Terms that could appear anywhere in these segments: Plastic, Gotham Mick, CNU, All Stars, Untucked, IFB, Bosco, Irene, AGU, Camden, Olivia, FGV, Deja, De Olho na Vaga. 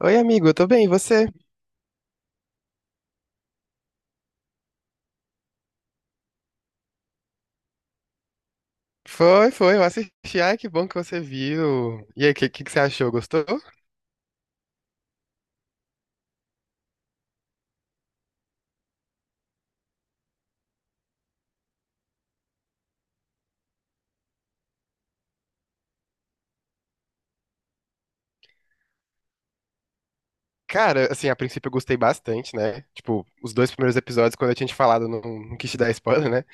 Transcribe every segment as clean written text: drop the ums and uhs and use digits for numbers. Oi, amigo, eu tô bem, e você? Foi, foi, eu assisti. Ai, que bom que você viu. E aí, o que, que você achou? Gostou? Cara, assim, a princípio eu gostei bastante, né? Tipo, os dois primeiros episódios, quando eu tinha te falado, eu não quis te dar spoiler, né?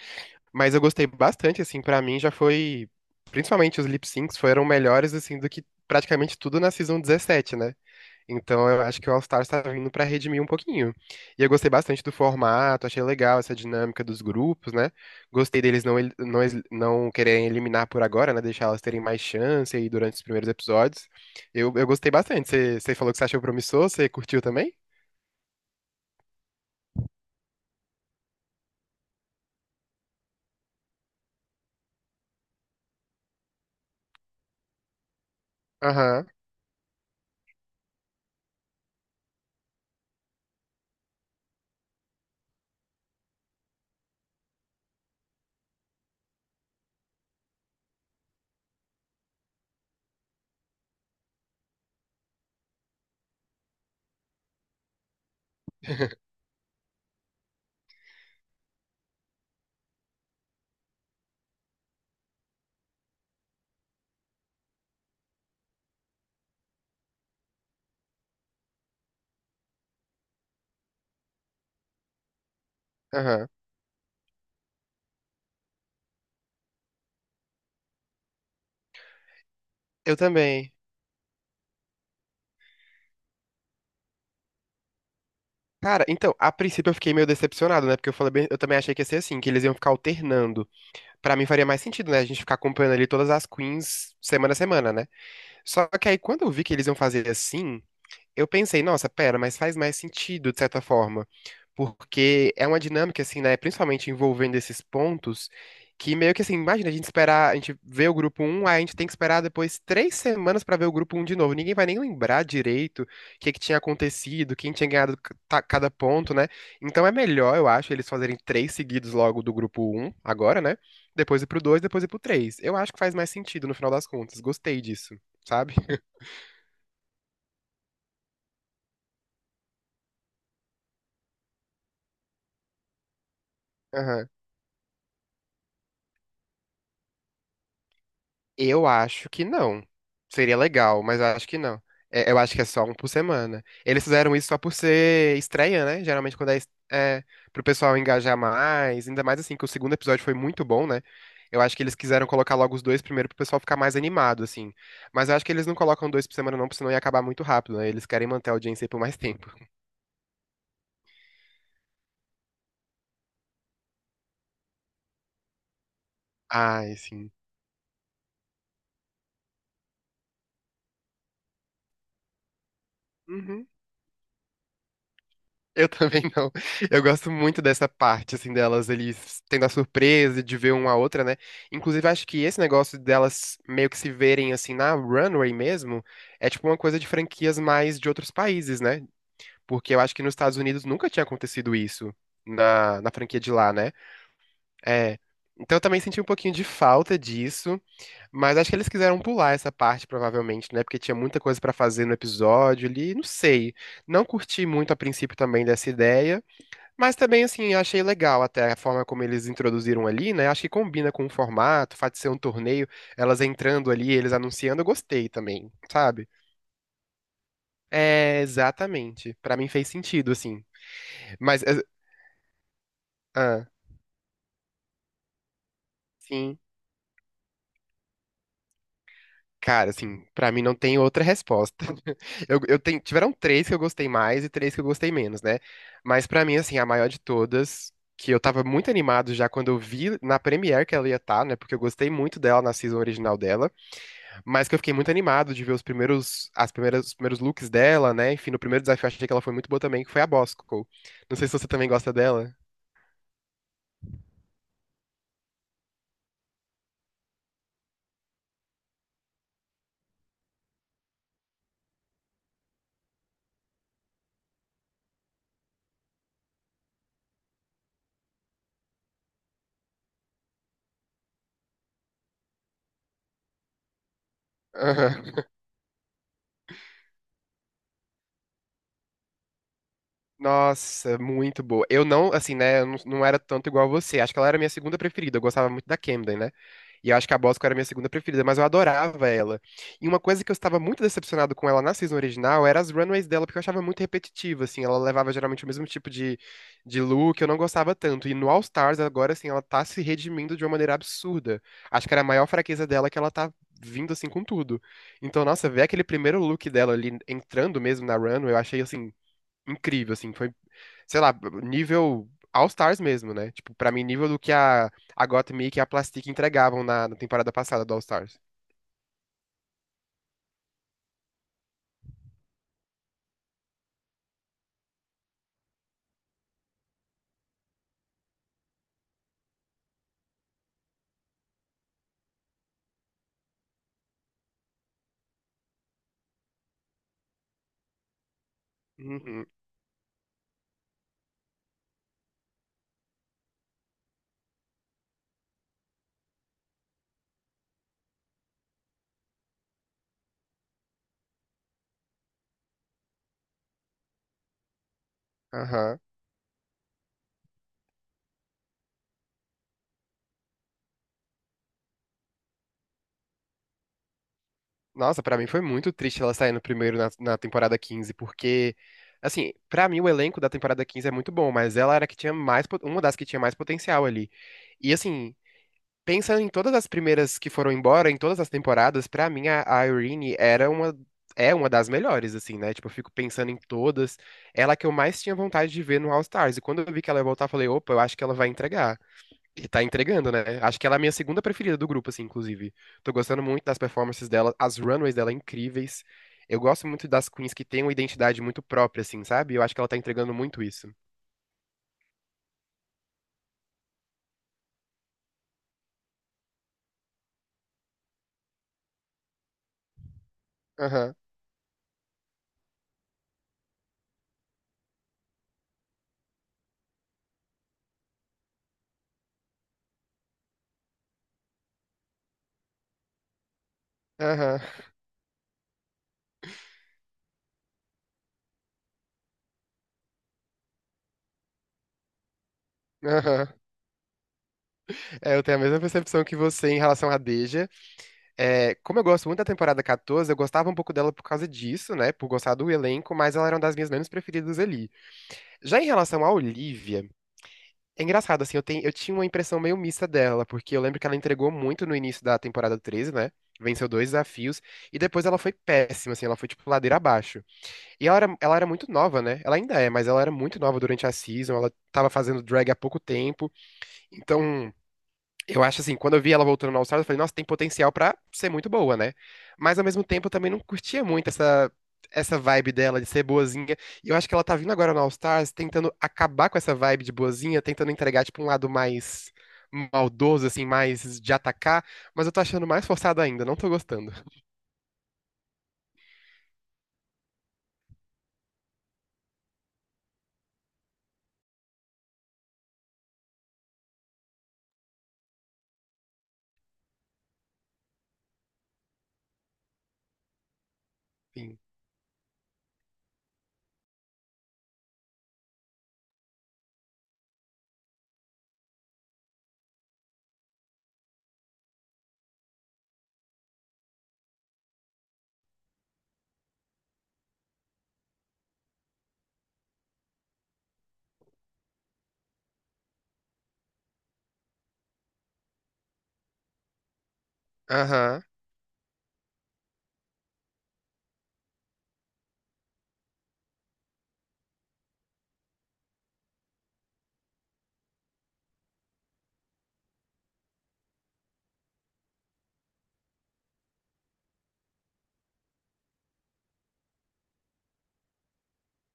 Mas eu gostei bastante, assim, pra mim já foi. Principalmente os lip syncs foram melhores, assim, do que praticamente tudo na Season 17, né? Então eu acho que o All Stars tá vindo pra redimir um pouquinho. E eu gostei bastante do formato, achei legal essa dinâmica dos grupos, né? Gostei deles não quererem eliminar por agora, né? Deixar elas terem mais chance aí durante os primeiros episódios. Eu gostei bastante. Você falou que você achou promissor, você curtiu também? Aham. Aham. Eu também. Cara, então, a princípio eu fiquei meio decepcionado, né? Porque eu falei eu também achei que ia ser assim, que eles iam ficar alternando. Pra mim faria mais sentido, né? A gente ficar acompanhando ali todas as queens semana a semana, né? Só que aí quando eu vi que eles iam fazer assim, eu pensei, nossa, pera, mas faz mais sentido de certa forma, porque é uma dinâmica assim, né, principalmente envolvendo esses pontos, que meio que assim, imagina a gente esperar, a gente vê o grupo um, aí a gente tem que esperar depois 3 semanas pra ver o grupo um de novo. Ninguém vai nem lembrar direito o que que tinha acontecido, quem tinha ganhado cada ponto, né? Então é melhor, eu acho, eles fazerem três seguidos logo do grupo um agora, né? Depois ir pro dois, depois ir pro três. Eu acho que faz mais sentido no final das contas. Gostei disso, sabe? Aham. Eu acho que não. Seria legal, mas eu acho que não. É, eu acho que é só um por semana. Eles fizeram isso só por ser estreia, né? Geralmente quando é, é pro pessoal engajar mais, ainda mais assim que o segundo episódio foi muito bom, né? Eu acho que eles quiseram colocar logo os dois primeiro pro pessoal ficar mais animado, assim. Mas eu acho que eles não colocam dois por semana não, porque senão ia acabar muito rápido, né? Eles querem manter a audiência aí por mais tempo. Ai, sim. Uhum. Eu também não. Eu gosto muito dessa parte, assim, delas, eles tendo a surpresa de ver uma a outra, né? Inclusive, acho que esse negócio delas meio que se verem, assim, na runway mesmo, é tipo uma coisa de franquias mais de outros países, né? Porque eu acho que nos Estados Unidos nunca tinha acontecido isso na franquia de lá, né? É. Então eu também senti um pouquinho de falta disso, mas acho que eles quiseram pular essa parte, provavelmente, né? Porque tinha muita coisa pra fazer no episódio ali, não sei. Não curti muito a princípio também dessa ideia. Mas também, assim, achei legal até a forma como eles introduziram ali, né? Acho que combina com o formato, o fato de ser um torneio, elas entrando ali, eles anunciando, eu gostei também, sabe? É, exatamente. Pra mim fez sentido, assim. Mas, ah, sim. Cara, assim, pra mim não tem outra resposta. Eu tenho, tiveram três que eu gostei mais e três que eu gostei menos, né? Mas pra mim, assim, a maior de todas, que eu tava muito animado já quando eu vi na Premiere que ela ia estar, né? Porque eu gostei muito dela na season original dela. Mas que eu fiquei muito animado de ver os primeiros, as primeiras, os primeiros looks dela, né? Enfim, no primeiro desafio eu achei que ela foi muito boa também, que foi a Bosco. Não sei se você também gosta dela. Aham. Nossa, muito boa. Eu não, assim, né? Eu não era tanto igual a você. Acho que ela era a minha segunda preferida. Eu gostava muito da Camden, né? E eu acho que a Bosco era a minha segunda preferida, mas eu adorava ela. E uma coisa que eu estava muito decepcionado com ela na season original era as runways dela, porque eu achava muito repetitiva, assim. Ela levava geralmente o mesmo tipo de look, eu não gostava tanto. E no All Stars, agora, assim, ela tá se redimindo de uma maneira absurda. Acho que era a maior fraqueza dela que ela tá vindo, assim, com tudo. Então, nossa, ver aquele primeiro look dela ali entrando mesmo na runway, eu achei, assim, incrível, assim, foi, sei lá, nível All Stars mesmo, né? Tipo, pra mim, nível do que a Gotham Mick e que a Plastic entregavam na temporada passada do All Stars. Uhum, aham. Nossa, pra mim foi muito triste ela sair no primeiro na temporada 15 porque, assim, pra mim o elenco da temporada 15 é muito bom, mas ela era a que tinha mais, uma das que tinha mais potencial ali. E, assim, pensa em todas as primeiras que foram embora, em todas as temporadas, pra mim a Irene era uma é uma das melhores assim, né? Tipo, eu fico pensando em todas, ela que eu mais tinha vontade de ver no All Stars. E quando eu vi que ela ia voltar, eu falei, opa, eu acho que ela vai entregar. E tá entregando, né? Acho que ela é a minha segunda preferida do grupo, assim, inclusive. Tô gostando muito das performances dela, as runways dela é incríveis. Eu gosto muito das queens que têm uma identidade muito própria assim, sabe? Eu acho que ela tá entregando muito isso. Aham. Aham, aham. É, eu tenho a mesma percepção que você em relação à Deja. É, como eu gosto muito da temporada 14, eu gostava um pouco dela por causa disso, né? Por gostar do elenco, mas ela era uma das minhas menos preferidas ali. Já em relação à Olivia, é engraçado, assim, eu tinha uma impressão meio mista dela, porque eu lembro que ela entregou muito no início da temporada 13, né? Venceu dois desafios, e depois ela foi péssima, assim, ela foi tipo ladeira abaixo. E ela era muito nova, né? Ela ainda é, mas ela era muito nova durante a season, ela tava fazendo drag há pouco tempo, então. Eu acho assim, quando eu vi ela voltando no All-Stars, eu falei, nossa, tem potencial pra ser muito boa, né? Mas ao mesmo tempo eu também não curtia muito essa vibe dela de ser boazinha. E eu acho que ela tá vindo agora no All-Stars tentando acabar com essa vibe de boazinha, tentando entregar tipo um lado mais maldoso assim, mais de atacar, mas eu tô achando mais forçado ainda, não tô gostando. Sim. Aham.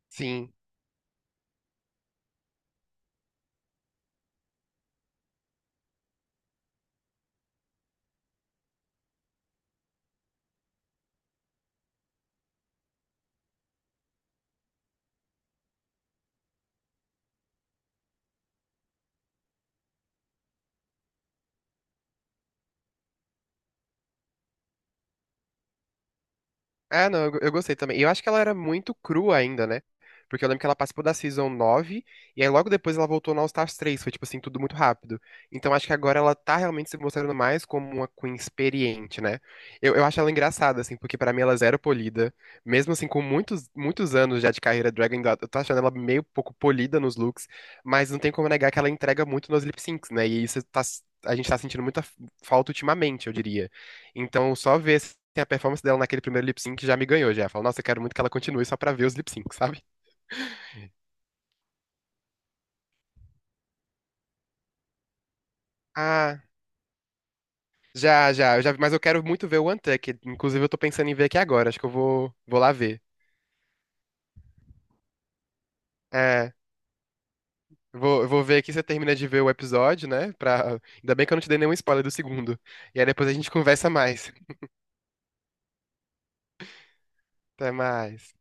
Sim. Ah, não, eu gostei também. E eu acho que ela era muito crua ainda, né? Porque eu lembro que ela participou da Season nove, e aí logo depois ela voltou no All Stars 3. Foi tipo assim, tudo muito rápido. Então acho que agora ela tá realmente se mostrando mais como uma Queen experiente, né? Eu acho ela engraçada, assim, porque pra mim ela é zero polida. Mesmo assim, com muitos, muitos anos já de carreira drag, ainda eu tô achando ela meio pouco polida nos looks, mas não tem como negar que ela entrega muito nos lip syncs, né? E isso tá, a gente tá sentindo muita falta ultimamente, eu diria. Então, só ver assim, a performance dela naquele primeiro lip sync já me ganhou, já. Falo, nossa, eu quero muito que ela continue só pra ver os lip syncs, sabe? Ah, já, já, eu já vi, mas eu quero muito ver o Untucked. Inclusive, eu tô pensando em ver aqui agora, acho que eu vou lá ver. É, eu vou ver aqui você termina de ver o episódio, né? Pra... Ainda bem que eu não te dei nenhum spoiler do segundo. E aí depois a gente conversa mais. Até mais.